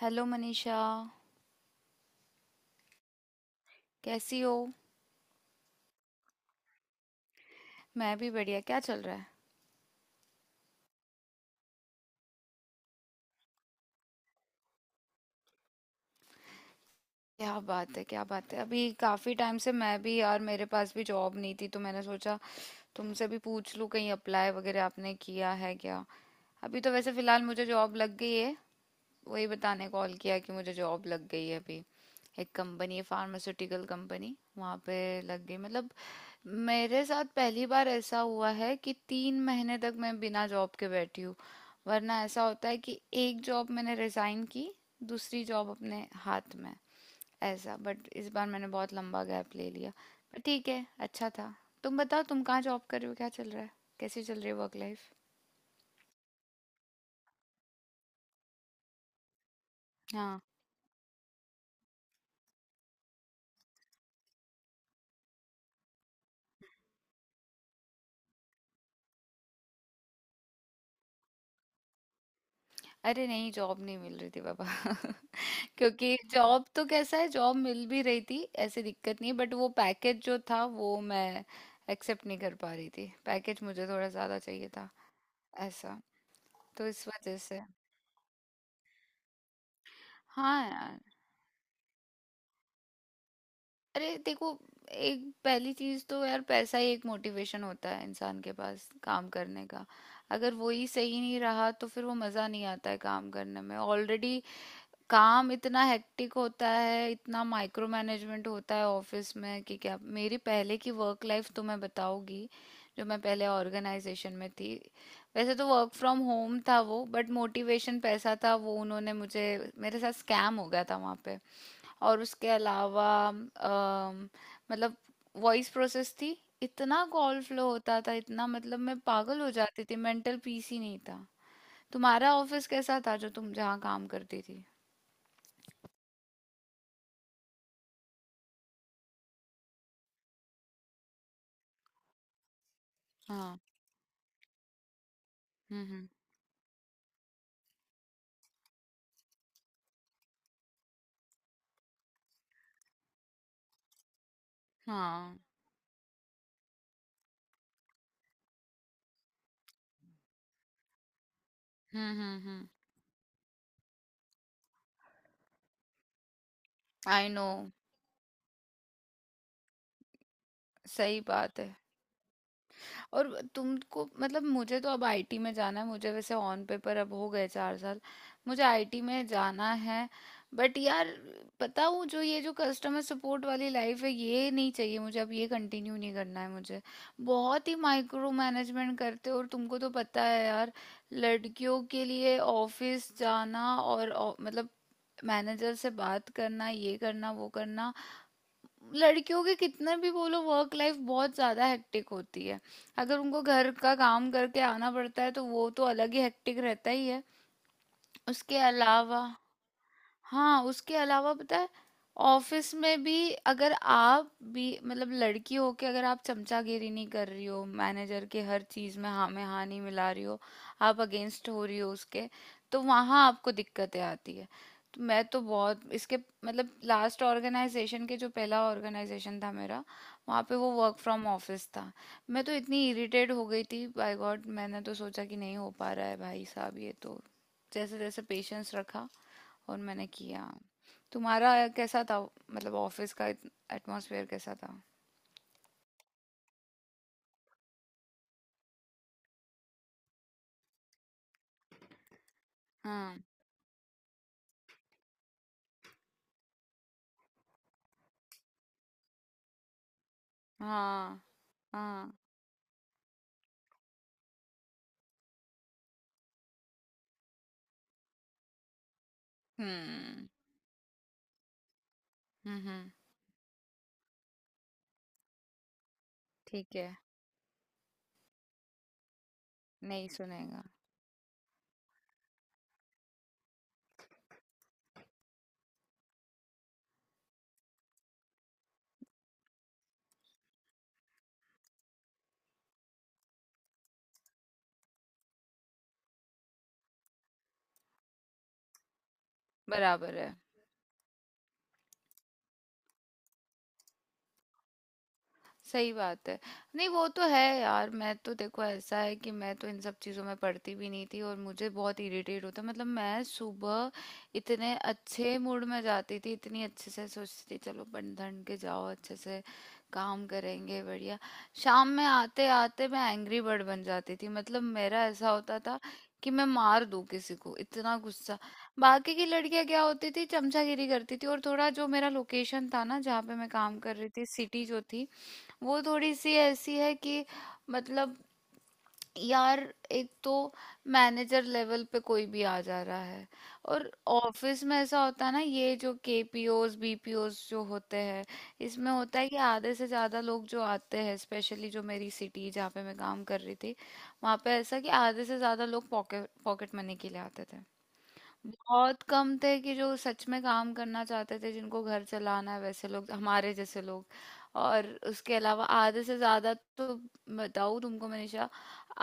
Hello Manisha, कैसी हो। मैं भी बढ़िया, क्या चल रहा है। क्या बात है, क्या बात है। अभी काफ़ी टाइम से मैं भी यार, मेरे पास भी जॉब नहीं थी, तो मैंने सोचा तुमसे भी पूछ लूँ, कहीं अप्लाई वगैरह आपने किया है क्या। अभी तो वैसे फ़िलहाल मुझे जॉब लग गई है। वही बताने कॉल किया कि मुझे जॉब लग गई है अभी। एक कंपनी है, फार्मास्यूटिकल कंपनी, वहाँ पे लग गई। मतलब मेरे साथ पहली बार ऐसा हुआ है कि 3 महीने तक मैं बिना जॉब के बैठी हूँ। वरना ऐसा होता है कि एक जॉब मैंने रिजाइन की, दूसरी जॉब अपने हाथ में, ऐसा। बट इस बार मैंने बहुत लंबा गैप ले लिया। पर ठीक है, अच्छा था। तुम बताओ, तुम कहाँ जॉब कर रहे हो, क्या चल रहा है, कैसी चल रही है वर्क लाइफ। हाँ। अरे नहीं, जॉब नहीं मिल रही थी बाबा। क्योंकि जॉब तो कैसा है, जॉब मिल भी रही थी, ऐसी दिक्कत नहीं, बट वो पैकेज जो था वो मैं एक्सेप्ट नहीं कर पा रही थी। पैकेज मुझे थोड़ा ज्यादा चाहिए था, ऐसा। तो इस वजह से। हाँ यार। अरे देखो, एक पहली चीज तो यार पैसा ही एक मोटिवेशन होता है इंसान के पास काम करने का। अगर वो ही सही नहीं रहा तो फिर वो मजा नहीं आता है काम करने में। ऑलरेडी काम इतना हेक्टिक होता है, इतना माइक्रो मैनेजमेंट होता है ऑफिस में कि क्या। मेरी पहले की वर्क लाइफ तो मैं बताऊंगी। जो मैं पहले ऑर्गेनाइजेशन में थी, वैसे तो वर्क फ्रॉम होम था वो, बट मोटिवेशन पैसा था वो। उन्होंने मुझे, मेरे साथ स्कैम हो गया था वहाँ पे। और उसके अलावा मतलब वॉइस प्रोसेस थी। इतना कॉल फ्लो होता था, इतना, मतलब मैं पागल हो जाती थी, मेंटल पीस ही नहीं था। तुम्हारा ऑफिस कैसा था, जो तुम जहाँ काम करती थी। हाँ। हुँ, हुँ। हाँ। हुँ, हुँ, हुँ। I know. सही बात है। और तुमको, मतलब मुझे तो अब IT में जाना है। मुझे वैसे ऑन पेपर अब हो गए 4 साल। मुझे आईटी में जाना है। बट यार, पता हूँ जो ये जो कस्टमर सपोर्ट वाली लाइफ है, ये नहीं चाहिए मुझे। अब ये कंटिन्यू नहीं करना है मुझे। बहुत ही माइक्रो मैनेजमेंट करते हो और तुमको तो पता है यार, लड़कियों के लिए ऑफिस जाना और मतलब मैनेजर से बात करना, ये करना, वो करना। लड़कियों की कितना भी बोलो, वर्क लाइफ बहुत ज़्यादा हेक्टिक होती है। अगर उनको घर का काम करके आना पड़ता है तो वो तो अलग ही हेक्टिक रहता ही है। उसके अलावा, हाँ, उसके अलावा पता है, ऑफिस में भी अगर आप भी मतलब लड़की हो के अगर आप चमचागिरी नहीं कर रही हो मैनेजर के, हर चीज में हाँ नहीं मिला रही हो, आप अगेंस्ट हो रही हो उसके, तो वहाँ आपको दिक्कतें आती है। तो मैं तो बहुत इसके, मतलब लास्ट ऑर्गेनाइजेशन के, जो पहला ऑर्गेनाइजेशन था मेरा, वहाँ पे वो वर्क फ्रॉम ऑफिस था। मैं तो इतनी इरिटेट हो गई थी बाय गॉड, मैंने तो सोचा कि नहीं हो पा रहा है भाई साहब ये तो। जैसे जैसे पेशेंस रखा और मैंने किया। तुम्हारा कैसा था, मतलब ऑफिस का एटमॉस्फेयर कैसा था। हाँ। हाँ। हाँ। हम्म। हम्म, हम्म। ठीक है। नहीं सुनेगा। बराबर है। सही बात है। नहीं वो तो है यार। मैं तो देखो ऐसा है कि मैं तो इन सब चीज़ों में पढ़ती भी नहीं थी, और मुझे बहुत इरिटेट होता। मतलब मैं सुबह इतने अच्छे मूड में जाती थी, इतनी अच्छे से सोचती थी, चलो बन ठन के जाओ, अच्छे से काम करेंगे, बढ़िया। शाम में आते आते मैं एंग्री बर्ड बन जाती थी। मतलब मेरा ऐसा होता था कि मैं मार दूं किसी को, इतना गुस्सा। बाकी की लड़कियां क्या होती थी, चमचागिरी करती थी। और थोड़ा जो मेरा लोकेशन था ना जहाँ पे मैं काम कर रही थी, सिटी जो थी, वो थोड़ी सी ऐसी है कि, मतलब यार, एक तो मैनेजर लेवल पे कोई भी आ जा रहा है। और ऑफिस में ऐसा होता है ना, ये जो KPOs BPOs जो होते हैं, इसमें होता है कि आधे से ज़्यादा लोग जो आते हैं, स्पेशली जो मेरी सिटी जहाँ पे मैं काम कर रही थी, वहाँ पे ऐसा कि आधे से ज़्यादा लोग पॉकेट पॉकेट मनी के लिए आते थे। बहुत कम थे कि जो सच में काम करना चाहते थे, जिनको घर चलाना है, वैसे लोग, हमारे जैसे लोग। और उसके अलावा आधे से ज्यादा तो, बताऊँ तुमको मनीषा,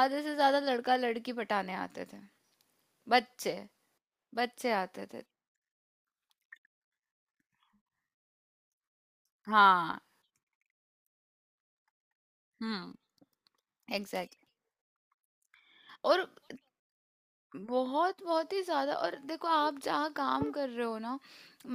आधे से ज्यादा लड़का लड़की पटाने आते थे। बच्चे, बच्चे आते थे। हाँ। हम्म। एग्जैक्ट। और बहुत, बहुत ही ज़्यादा। और देखो, आप जहाँ काम कर रहे हो ना,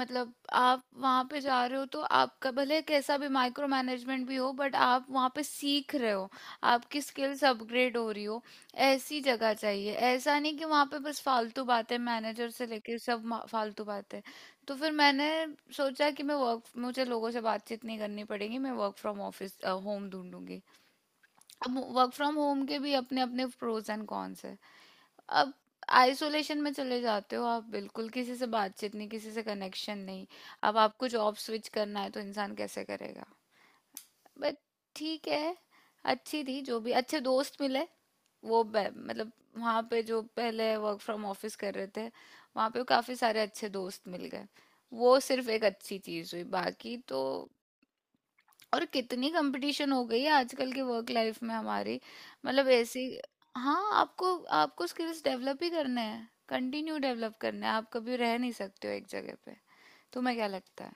मतलब आप वहाँ पे जा रहे हो, तो आपका भले कैसा भी माइक्रो मैनेजमेंट भी हो बट आप वहाँ पे सीख रहे हो, आपकी स्किल्स अपग्रेड हो रही हो, ऐसी जगह चाहिए। ऐसा नहीं कि वहाँ पे बस फालतू बातें मैनेजर से लेके सब फालतू बातें। तो फिर मैंने सोचा कि मैं वर्क, मुझे लोगों से बातचीत नहीं करनी पड़ेगी, मैं वर्क फ्रॉम ऑफिस होम ढूंढूंगी। अब वर्क फ्रॉम होम के भी अपने अपने प्रोज एंड कॉन्स है। अब आइसोलेशन में चले जाते हो आप, बिल्कुल किसी से बातचीत नहीं, किसी से कनेक्शन नहीं। अब आपको जॉब स्विच करना है तो इंसान कैसे करेगा। बट ठीक है, अच्छी थी, जो भी अच्छे दोस्त मिले। मतलब वहाँ पे जो पहले वर्क फ्रॉम ऑफिस कर रहे थे, वहाँ पे काफ़ी सारे अच्छे दोस्त मिल गए। वो सिर्फ एक अच्छी चीज़ हुई, बाकी तो। और कितनी कंपटीशन हो गई है आजकल के वर्क लाइफ में हमारी, मतलब ऐसी। हाँ, आपको, आपको स्किल्स डेवलप ही करने हैं, कंटिन्यू डेवलप करने हैं, आप कभी रह नहीं सकते हो एक जगह पे। तुम्हें क्या लगता है।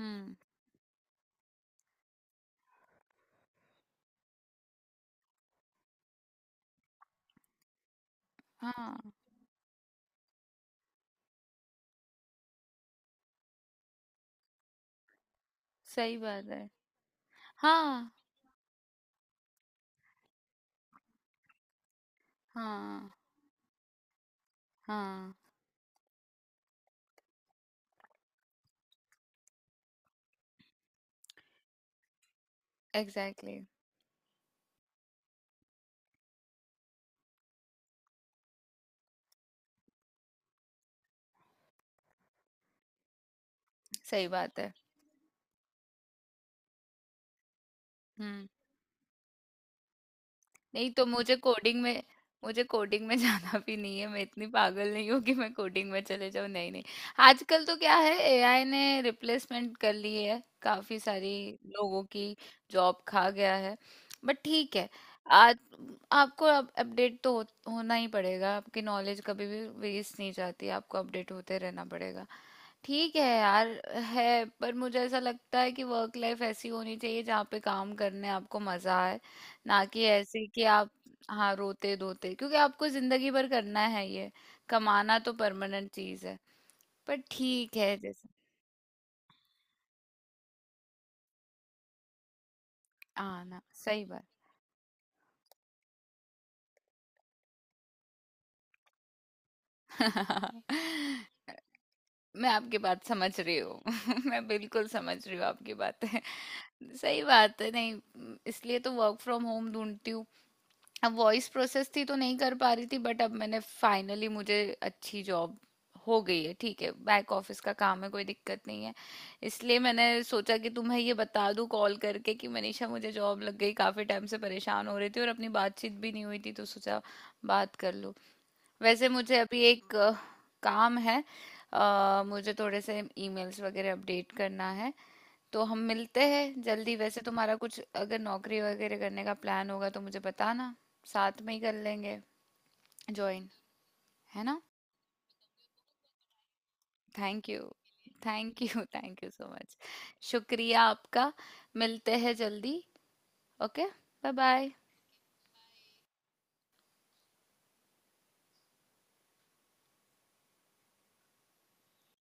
हम्म। हाँ। सही बात है। हाँ। हाँ। हाँ। Exactly exactly। सही बात है। हम्म। नहीं तो, मुझे कोडिंग में, मुझे कोडिंग में जाना भी नहीं है। मैं इतनी पागल नहीं हूँ कि मैं कोडिंग में चले जाऊँ। नहीं, नहीं। आजकल तो क्या है, AI ने रिप्लेसमेंट कर ली है काफी सारी लोगों की। जॉब खा गया है। बट ठीक है। आज आपको अब होना ही पड़ेगा। आपकी नॉलेज कभी भी वेस्ट नहीं जाती, आपको अपडेट होते रहना पड़ेगा। ठीक है यार, है। पर मुझे ऐसा लगता है कि वर्क लाइफ ऐसी होनी चाहिए जहाँ पे काम करने आपको मजा आए, ना कि ऐसे कि आप, हाँ, रोते धोते, क्योंकि आपको जिंदगी भर करना है ये, कमाना तो परमानेंट चीज है। पर ठीक है, जैसे, आना सही बात। मैं आपकी बात समझ रही हूँ। मैं बिल्कुल समझ रही हूँ आपकी बातें। सही बात है, नहीं। इसलिए तो वर्क फ्रॉम होम ढूंढती हूँ। अब वॉइस प्रोसेस थी तो नहीं कर पा रही थी, बट अब मैंने फाइनली, मुझे अच्छी जॉब हो गई है। ठीक है, बैक ऑफिस का काम है, कोई दिक्कत नहीं है। इसलिए मैंने सोचा कि तुम्हें ये बता दूं कॉल करके कि मनीषा, मुझे जॉब लग गई, काफी टाइम से परेशान हो रही थी और अपनी बातचीत भी नहीं हुई थी, तो सोचा बात कर लूं। वैसे मुझे अभी एक काम है। मुझे थोड़े से ईमेल्स वगैरह अपडेट करना है। तो हम मिलते हैं जल्दी। वैसे तुम्हारा कुछ अगर नौकरी वगैरह करने का प्लान होगा तो मुझे बताना, साथ में ही कर लेंगे ज्वाइन। है ना। Thank you. Thank you, thank you so much. शुक्रिया आपका। मिलते हैं जल्दी। ओके। Bye bye.